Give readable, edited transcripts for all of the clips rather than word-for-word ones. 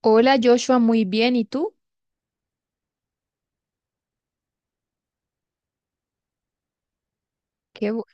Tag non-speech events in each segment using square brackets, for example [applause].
Hola Joshua, muy bien. ¿Y tú? Qué bu-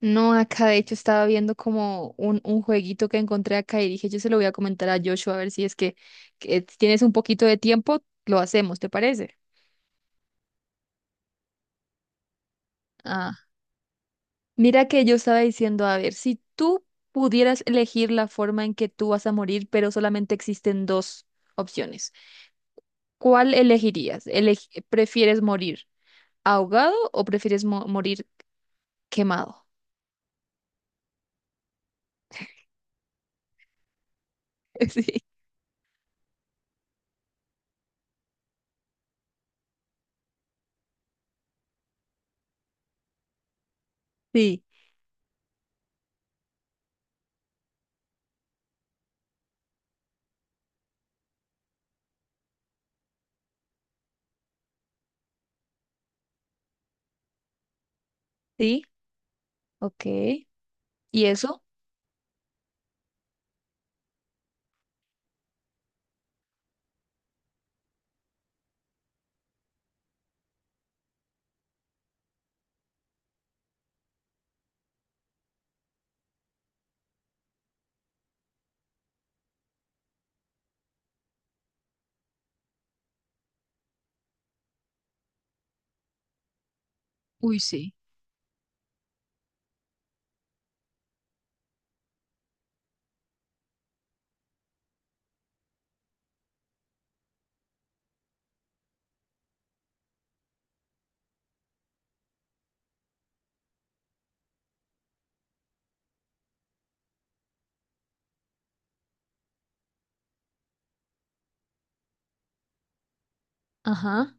No, acá de hecho estaba viendo como un jueguito que encontré acá y dije, yo se lo voy a comentar a Joshua a ver si es que tienes un poquito de tiempo, lo hacemos, ¿te parece? Ah, mira que yo estaba diciendo, a ver, si tú pudieras elegir la forma en que tú vas a morir, pero solamente existen dos opciones, ¿cuál elegirías? ¿Prefieres morir ahogado o prefieres morir quemado? [laughs] Sí, sí, ok. ¿Y eso? Uy, sí. Ajá,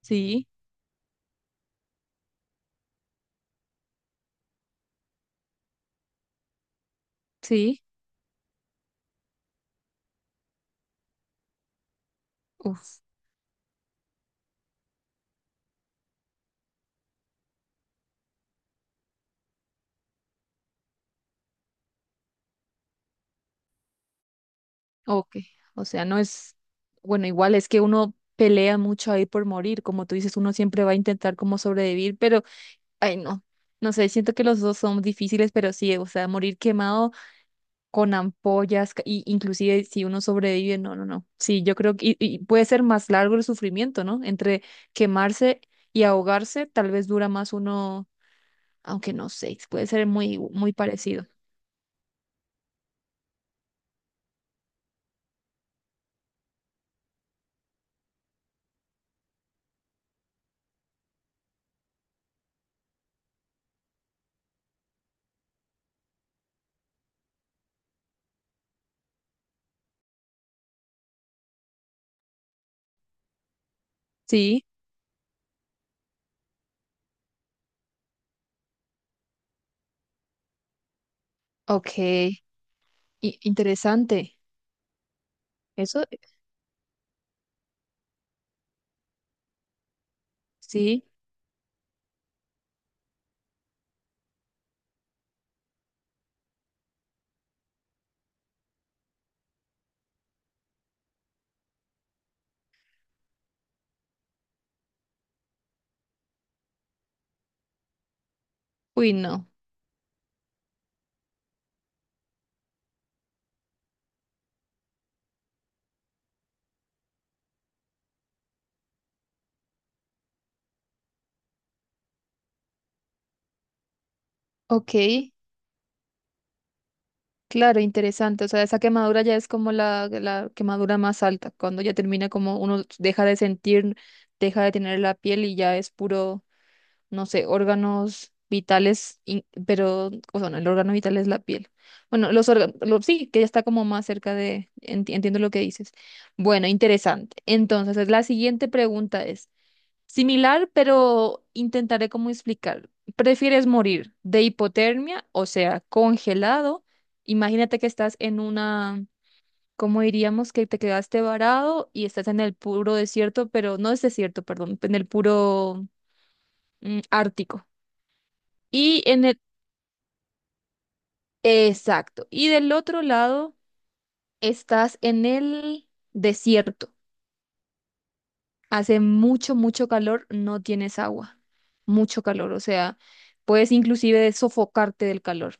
sí, sí, uf, ok. O sea, no es, bueno, igual es que uno pelea mucho ahí por morir, como tú dices, uno siempre va a intentar como sobrevivir, pero, ay, no, no sé, siento que los dos son difíciles, pero sí, o sea, morir quemado con ampollas, y inclusive si uno sobrevive, no, no, no. Sí, yo creo que y puede ser más largo el sufrimiento, ¿no? Entre quemarse y ahogarse, tal vez dura más uno, aunque no sé, puede ser muy, muy parecido. Sí. Ok, interesante. Eso sí, uy, no. Ok, claro, interesante. O sea, esa quemadura ya es como la quemadura más alta, cuando ya termina como uno deja de sentir, deja de tener la piel y ya es puro, no sé, órganos vitales, pero, o sea, no, el órgano vital es la piel. Bueno, los órganos, sí, que ya está como más cerca de, entiendo lo que dices. Bueno, interesante. Entonces, la siguiente pregunta es... Similar, pero intentaré como explicar. ¿Prefieres morir de hipotermia, o sea, congelado? Imagínate que estás en una, ¿cómo diríamos? Que te quedaste varado y estás en el puro desierto, pero no es desierto, perdón, en el puro Ártico. Y en el, exacto. Y del otro lado, estás en el desierto. Hace mucho, mucho calor, no tienes agua. Mucho calor, o sea, puedes inclusive sofocarte del calor.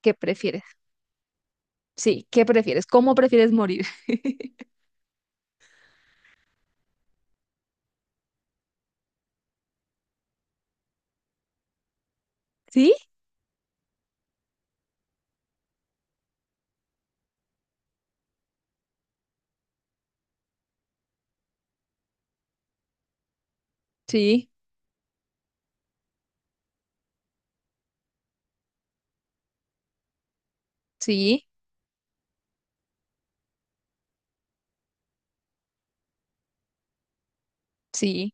¿Qué prefieres? Sí, ¿qué prefieres? ¿Cómo prefieres morir? [laughs] ¿Sí? Sí, sí, sí,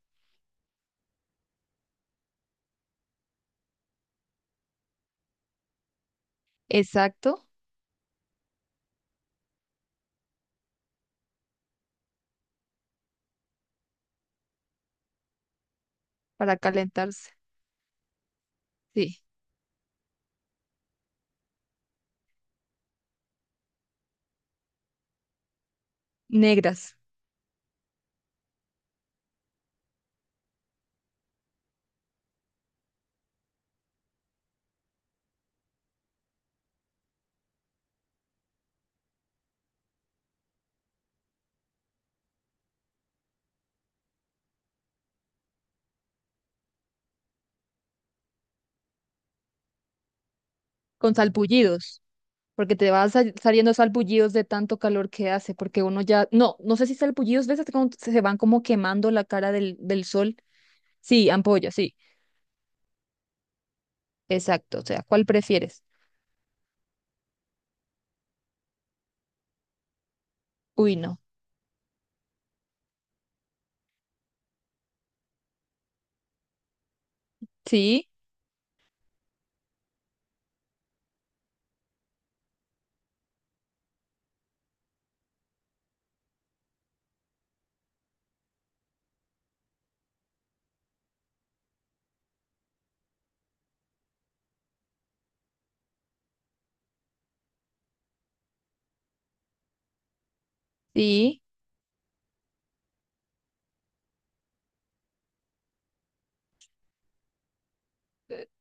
exacto, para calentarse. Sí, negras, con salpullidos, porque te vas saliendo salpullidos de tanto calor que hace, porque uno ya, no, no sé si salpullidos, ¿ves? Como se van como quemando la cara del sol. Sí, ampolla, sí, exacto, o sea, ¿cuál prefieres? Uy, no, sí, sí.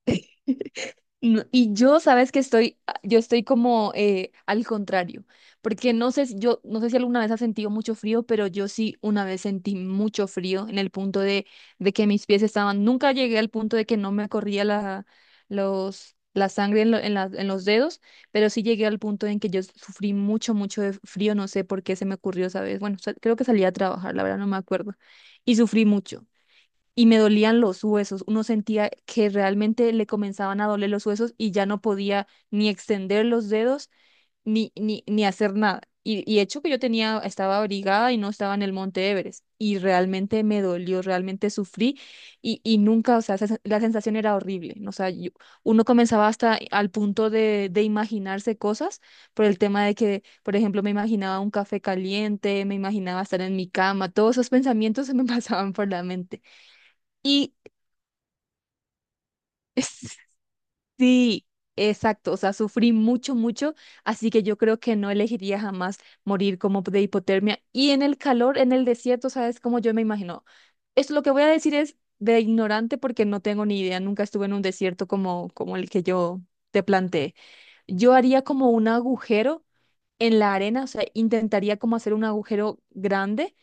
[laughs] No, y yo, sabes que estoy, yo estoy como al contrario, porque no sé si yo, no sé si alguna vez has sentido mucho frío, pero yo sí una vez sentí mucho frío en el punto de que mis pies estaban, nunca llegué al punto de que no me corría la, los, la sangre en, en en los dedos, pero sí llegué al punto en que yo sufrí mucho, mucho de frío, no sé por qué se me ocurrió esa vez, bueno, creo que salí a trabajar, la verdad no me acuerdo, y sufrí mucho y me dolían los huesos. Uno sentía que realmente le comenzaban a doler los huesos y ya no podía ni extender los dedos ni, ni hacer nada. Y hecho que yo tenía, estaba abrigada y no estaba en el Monte Everest. Y realmente me dolió, realmente sufrí y nunca, o sea, esa la sensación era horrible. ¿No? O sea, uno comenzaba hasta al punto de imaginarse cosas por el tema de que, por ejemplo, me imaginaba un café caliente, me imaginaba estar en mi cama, todos esos [laughs] pensamientos se me [laughs] pasaban por la mente. Y Sí, exacto. O sea, sufrí mucho, mucho, así que yo creo que no elegiría jamás morir como de hipotermia. Y en el calor, en el desierto, ¿sabes cómo yo me imagino? Esto lo que voy a decir es de ignorante porque no tengo ni idea. Nunca estuve en un desierto como, como el que yo te planteé. Yo haría como un agujero en la arena, o sea, intentaría como hacer un agujero grande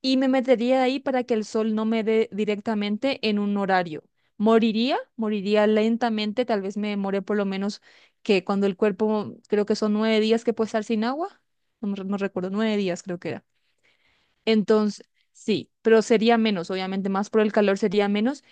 y me metería ahí para que el sol no me dé directamente en un horario. Moriría, moriría lentamente, tal vez me demore por lo menos que cuando el cuerpo, creo que son 9 días que puede estar sin agua, no, no recuerdo, 9 días creo que era. Entonces, sí, pero sería menos, obviamente más por el calor sería menos,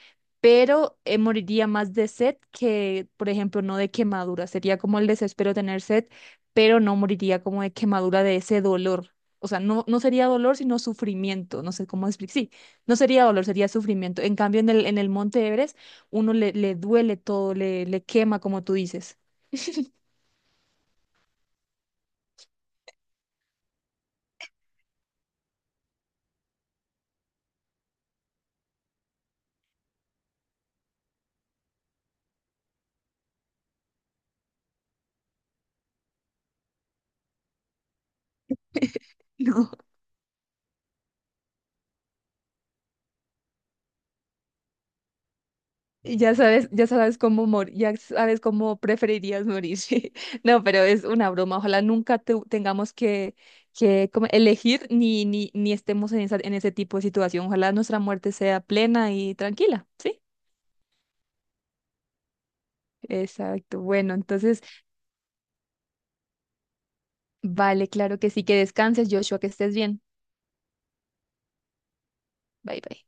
pero moriría más de sed que, por ejemplo, no de quemadura. Sería como el desespero tener sed, pero no moriría como de quemadura de ese dolor. O sea, no, no sería dolor, sino sufrimiento. No sé cómo explicar. Sí, no sería dolor, sería sufrimiento. En cambio, en en el Monte Everest, uno le, le duele todo, le quema, como tú dices. [laughs] Ya sabes cómo morir, ya sabes cómo preferirías morir. [laughs] Sí. No, pero es una broma. Ojalá nunca tengamos que como elegir ni, ni estemos en esa, en ese tipo de situación. Ojalá nuestra muerte sea plena y tranquila, ¿sí? Exacto. Bueno, entonces, vale, claro que sí, que descanses, Joshua, que estés bien. Bye, bye.